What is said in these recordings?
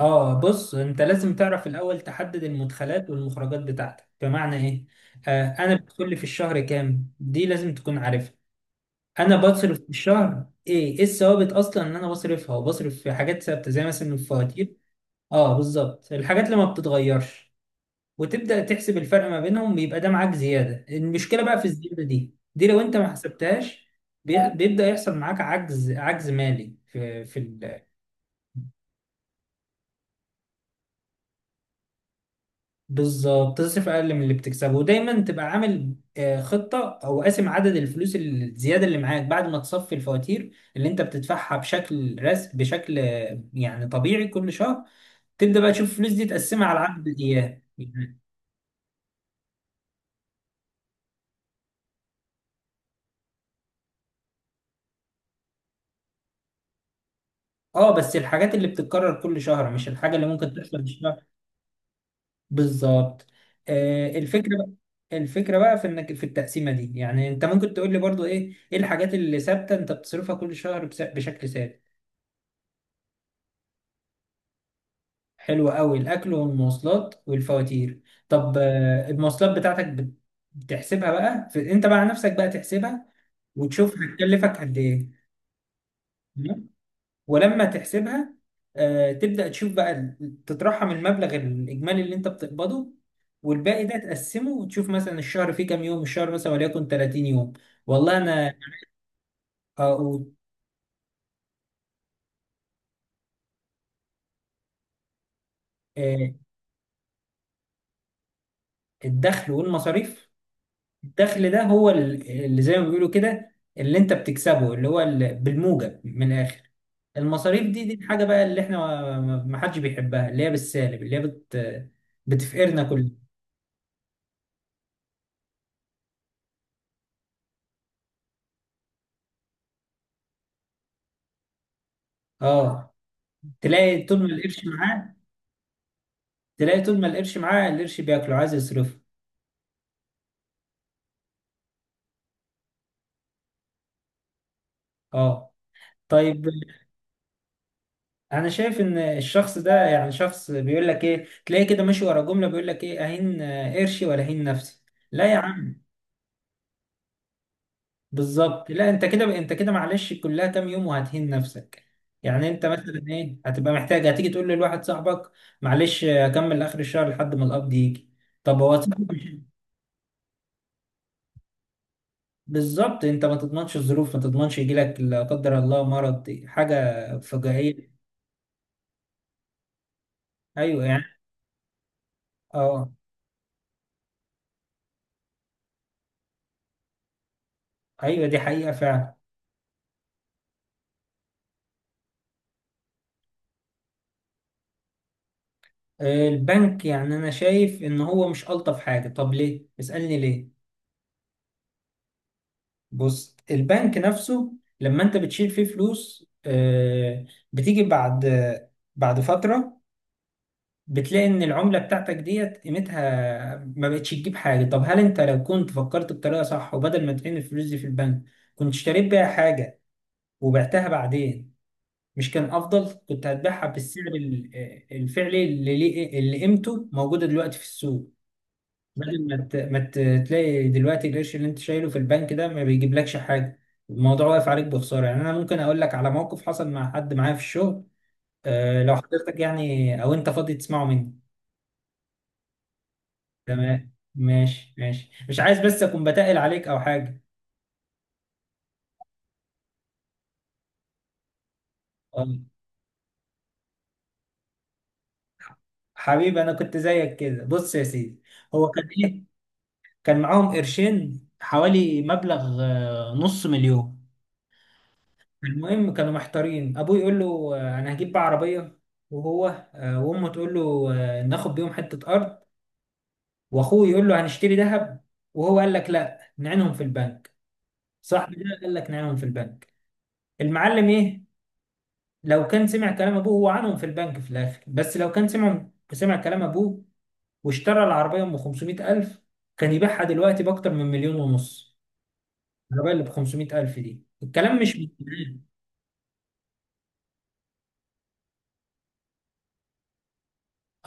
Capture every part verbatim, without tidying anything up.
اه، بص انت لازم تعرف الاول، تحدد المدخلات والمخرجات بتاعتك، بمعنى ايه؟ آه انا بدخل لي في الشهر كام، دي لازم تكون عارفها. انا بصرف في الشهر ايه، ايه الثوابت اصلا ان انا بصرفها، وبصرف في حاجات ثابته زي مثلا الفواتير. اه بالظبط، الحاجات اللي ما بتتغيرش. وتبدا تحسب الفرق ما بينهم، بيبقى ده معاك زياده. المشكله بقى في الزياده دي، دي لو انت ما حسبتهاش بي- بيبدا يحصل معاك عجز، عجز مالي في في ال- بالظبط. تصرف اقل من اللي بتكسبه، ودايما تبقى عامل آه، خطه، او قاسم عدد الفلوس ال- الزياده اللي معاك بعد ما تصفي الفواتير اللي انت بتدفعها بشكل رس بشكل آه، يعني طبيعي كل شهر. تبدا بقى تشوف الفلوس دي، تقسمها على عدد الايام يعني. اه بس الحاجات اللي بتتكرر كل شهر، مش الحاجه اللي ممكن تحصل الشهر. بالظبط. آه، الفكره بقى، الفكره بقى في انك في التقسيمه دي، يعني انت ممكن تقول لي برضو ايه، ايه الحاجات اللي ثابته انت بتصرفها كل شهر بس- بشكل ثابت. حلو قوي، الاكل والمواصلات والفواتير. طب آه، المواصلات بتاعتك بت- بتحسبها بقى في انت بقى، على نفسك بقى تحسبها، وتشوف هتكلفك قد ايه. تمام؟ ولما تحسبها، آه، تبدا تشوف بقى ال- تترحم المبلغ الاجمالي اللي انت بتقبضه، والباقي ده تقسمه، وتشوف مثلا الشهر فيه كام يوم، الشهر مثلا وليكن ثلاثين يوم. والله انا آه، و- آه، الدخل والمصاريف. الدخل ده هو ال- اللي زي ما بيقولوا كده، اللي انت بتكسبه، اللي هو ال- بالموجب من الاخر. المصاريف دي، دي الحاجه بقى اللي احنا ما ما- ما حدش بيحبها، اللي هي بالسالب، اللي هي بت بتفقرنا كلنا. اه. تلاقي طول ما القرش معاه، تلاقي طول ما القرش معاه القرش بياكله، عايز يصرفه. اه طيب. انا شايف ان الشخص ده يعني شخص بيقول لك ايه، تلاقي كده ماشي ورا جمله بيقول لك ايه، اهين قرشي ولا اهين نفسي. لا يا عم، بالظبط. لا انت كده، انت كده معلش، كلها كام يوم وهتهين نفسك. يعني انت مثلا ايه، هتبقى محتاج هتيجي تقول لواحد صاحبك معلش اكمل اخر الشهر لحد ما القبض يجي. طب هو صاحبك مش- بالظبط، انت ما تضمنش الظروف، ما تضمنش يجيلك لا قدر الله مرض، حاجه فجائيه. ايوه يعني. اه، ايوه دي حقيقه فعلا. آه، البنك يعني انا شايف ان هو مش الطف حاجه. طب ليه؟ اسالني ليه. بص البنك نفسه لما انت بتشيل فيه فلوس، آه، بتيجي بعد، بعد فترة بتلاقي ان العملة بتاعتك ديت قيمتها ما بقتش تجيب حاجة. طب هل انت لو كنت فكرت بطريقة صح، وبدل ما ترمي الفلوس دي في البنك، كنت اشتريت بيها حاجة وبعتها بعدين، مش كان افضل؟ كنت هتبيعها بالسعر ال- آه، الفعلي اللي ليه- اللي قيمته موجودة دلوقتي في السوق. بدل ما ت- ما ت- تلاقي دلوقتي القرش اللي انت شايله في البنك ده ما بيجيبلكش حاجه. الموضوع واقف عليك بخساره. يعني انا ممكن اقول لك على موقف حصل مع حد معايا في الشغل، أه لو حضرتك يعني او انت فاضي تسمعه مني. تمام ماشي ماشي، مش عايز بس اكون بتقل عليك او حاجه. أه، حبيبي انا كنت زيك كده. بص يا سيدي، هو كان ايه، كان معاهم قرشين حوالي مبلغ آه، نص مليون. المهم كانوا محتارين، ابوه يقول له آه، انا هجيب بقى عربيه، وهو آه، وامه تقول له آه، ناخد بيهم حته ارض، واخوه يقول له هنشتري ذهب، وهو قال لك لا، نعينهم في البنك. صاحبي ده قال لك نعينهم في البنك. المعلم ايه، لو كان سمع كلام ابوه هو عنهم في البنك في الاخر، بس لو كان سمع سمع كلام ابوه واشترى العربيه ب خمسمية ألف، كان يبيعها دلوقتي باكتر من مليون ونص. العربيه اللي ب نص مليون دي، الكلام مش من زمان.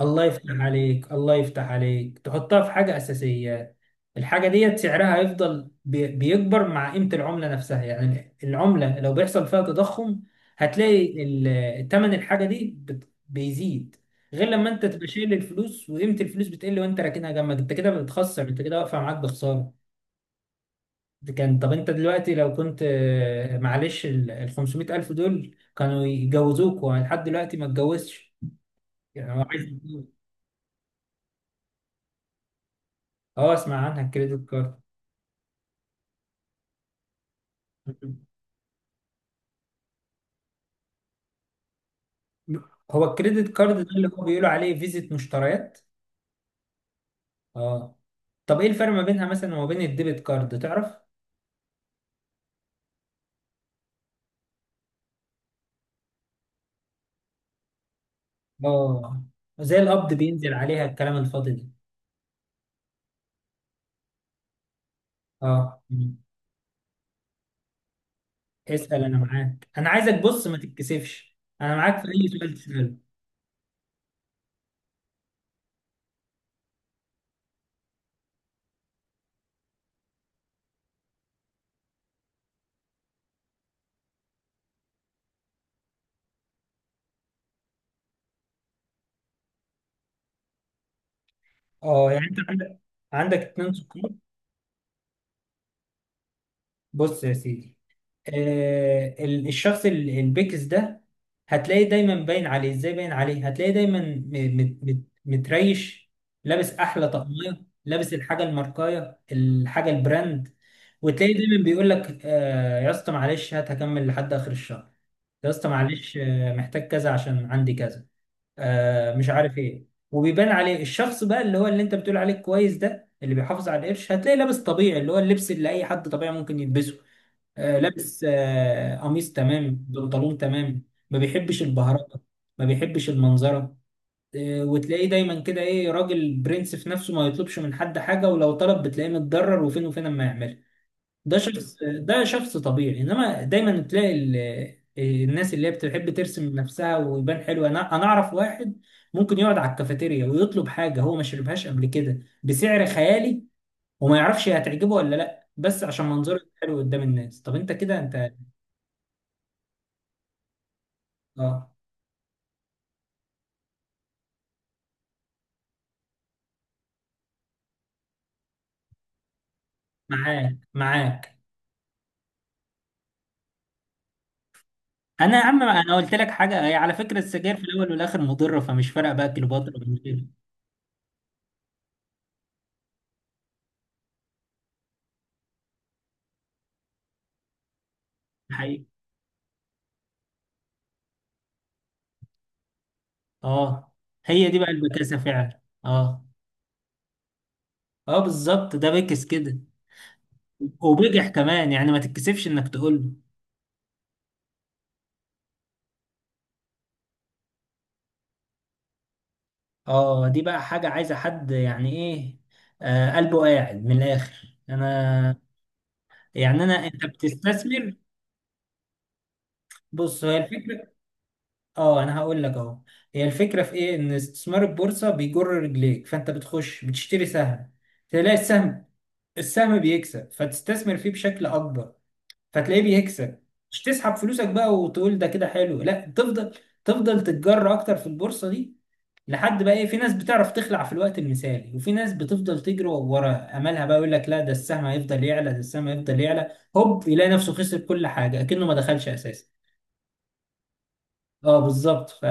الله يفتح عليك، الله يفتح عليك، تحطها في حاجة أساسية. الحاجة ديت سعرها هيفضل بي- بيكبر مع قيمة العملة نفسها. يعني العملة لو بيحصل فيها تضخم، هتلاقي ال- تمن الحاجة دي بت- بيزيد. غير لما انت تبقى شايل الفلوس وقيمة الفلوس بتقل، وانت راكنها جنبك، انت كده بتخسر، انت كده واقفة معاك بخسارة. ده كان. طب انت دلوقتي لو كنت آه، معلش ال ال خمسمية ألف دول كانوا يجوزوك، ولحد دلوقتي ما اتجوزش. يعني هو عايز يتجوز. اه اسمع عنها، الكريدت كارد. هو الكريدت كارد ده اللي هو بيقولوا عليه فيزيت مشتريات. اه طب ايه الفرق ما بينها مثلا وما بين الديبت كارد، تعرف؟ اه، زي القبض، بينزل عليها الكلام الفاضي ده. اه، مم. اسأل، انا معاك. انا عايزك بص، ما تتكسفش، انا معاك في اي سؤال تسأله. اه، يعني انت عندك، عندك اتنين سكر. بص يا سيدي، آه ال- الشخص ال- البكس ده، هتلاقيه دايما باين عليه، ازاي باين عليه؟ هتلاقيه دايما م- مت مت متريش لابس احلى طقمية، لابس الحاجة الماركاية، الحاجة البراند. وتلاقيه دايما بيقول لك آه يا اسطى معلش هات، هكمل لحد اخر الشهر. يا اسطى معلش آه محتاج كذا عشان عندي كذا، آه مش عارف ايه. وبيبان عليه. الشخص بقى اللي هو اللي انت بتقول عليه كويس، ده اللي بيحافظ على القرش، هتلاقيه لابس طبيعي، اللي هو اللبس اللي اي حد طبيعي ممكن يلبسه، آه، لابس آه، قميص تمام بنطلون تمام. ما بيحبش البهرجه، ما بيحبش المنظره. آه، وتلاقيه دايما كده ايه، راجل برنس في نفسه، ما يطلبش من حد حاجه، ولو طلب بتلاقيه متضرر، وفين وفين اما يعملها. ده شخص، ده شخص طبيعي. انما دايما تلاقي ال- آه، الناس اللي هي بتحب ترسم نفسها ويبان حلو. انا انا اعرف واحد ممكن يقعد على الكافيتيريا ويطلب حاجه هو ما شربهاش قبل كده بسعر خيالي، وما يعرفش هي هتعجبه ولا لا، بس عشان منظره حلو قدام الناس. طب انت كده، انت. اه، معاك معاك. انا يا عم، انا قلت لك حاجه، هي على فكره السجاير في الاول والاخر مضره، فمش فارقه بقى كيلو بطر ولا غيره. حقيقي. اه، هي دي بقى البكاسه فعلا. اه، اه بالظبط، ده بكس كده، وبجح كمان، يعني ما تتكسفش انك تقول له. اه دي بقى حاجه عايزه حد، يعني ايه، آه قلبه قاعد. من الاخر انا، يعني انا، انت بتستثمر. بص، هي الفكره. اه انا هقول لك اهو، هي الفكره في ايه، ان استثمار البورصه بيجر رجليك، فانت بتخش بتشتري سهم، تلاقي السهم، السهم بيكسب، فتستثمر فيه بشكل اكبر، فتلاقيه بيكسب. مش تسحب فلوسك بقى وتقول ده كده حلو، لا تفضل، تفضل تتجر اكتر في البورصه دي، لحد بقى ايه، في ناس بتعرف تخلع في الوقت المثالي، وفي ناس بتفضل تجري ورا املها بقى، يقول لك لا ده السهم هيفضل يعلى، ده السهم هيفضل يعلى، هوب يلاقي نفسه خسر كل حاجه، اكنه ما دخلش اساسا. اه بالظبط ف.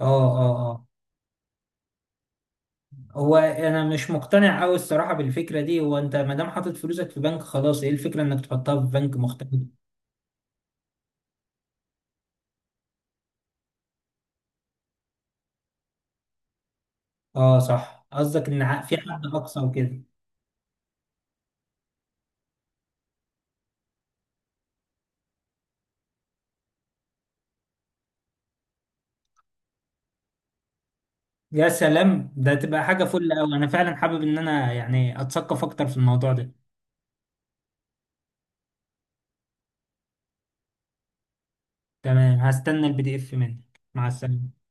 اه، اه، اه، هو انا مش مقتنع قوي الصراحه بالفكره دي، هو انت ما دام حاطط فلوسك في بنك خلاص، ايه الفكره انك تحطها في بنك مختلف؟ اه صح، قصدك ان ع- في حد اقصى وكده. يا سلام، ده تبقى حاجه فل قوي، انا فعلا حابب ان انا يعني اتثقف اكتر في الموضوع ده. تمام، هستنى البي دي اف منك، مع السلامه.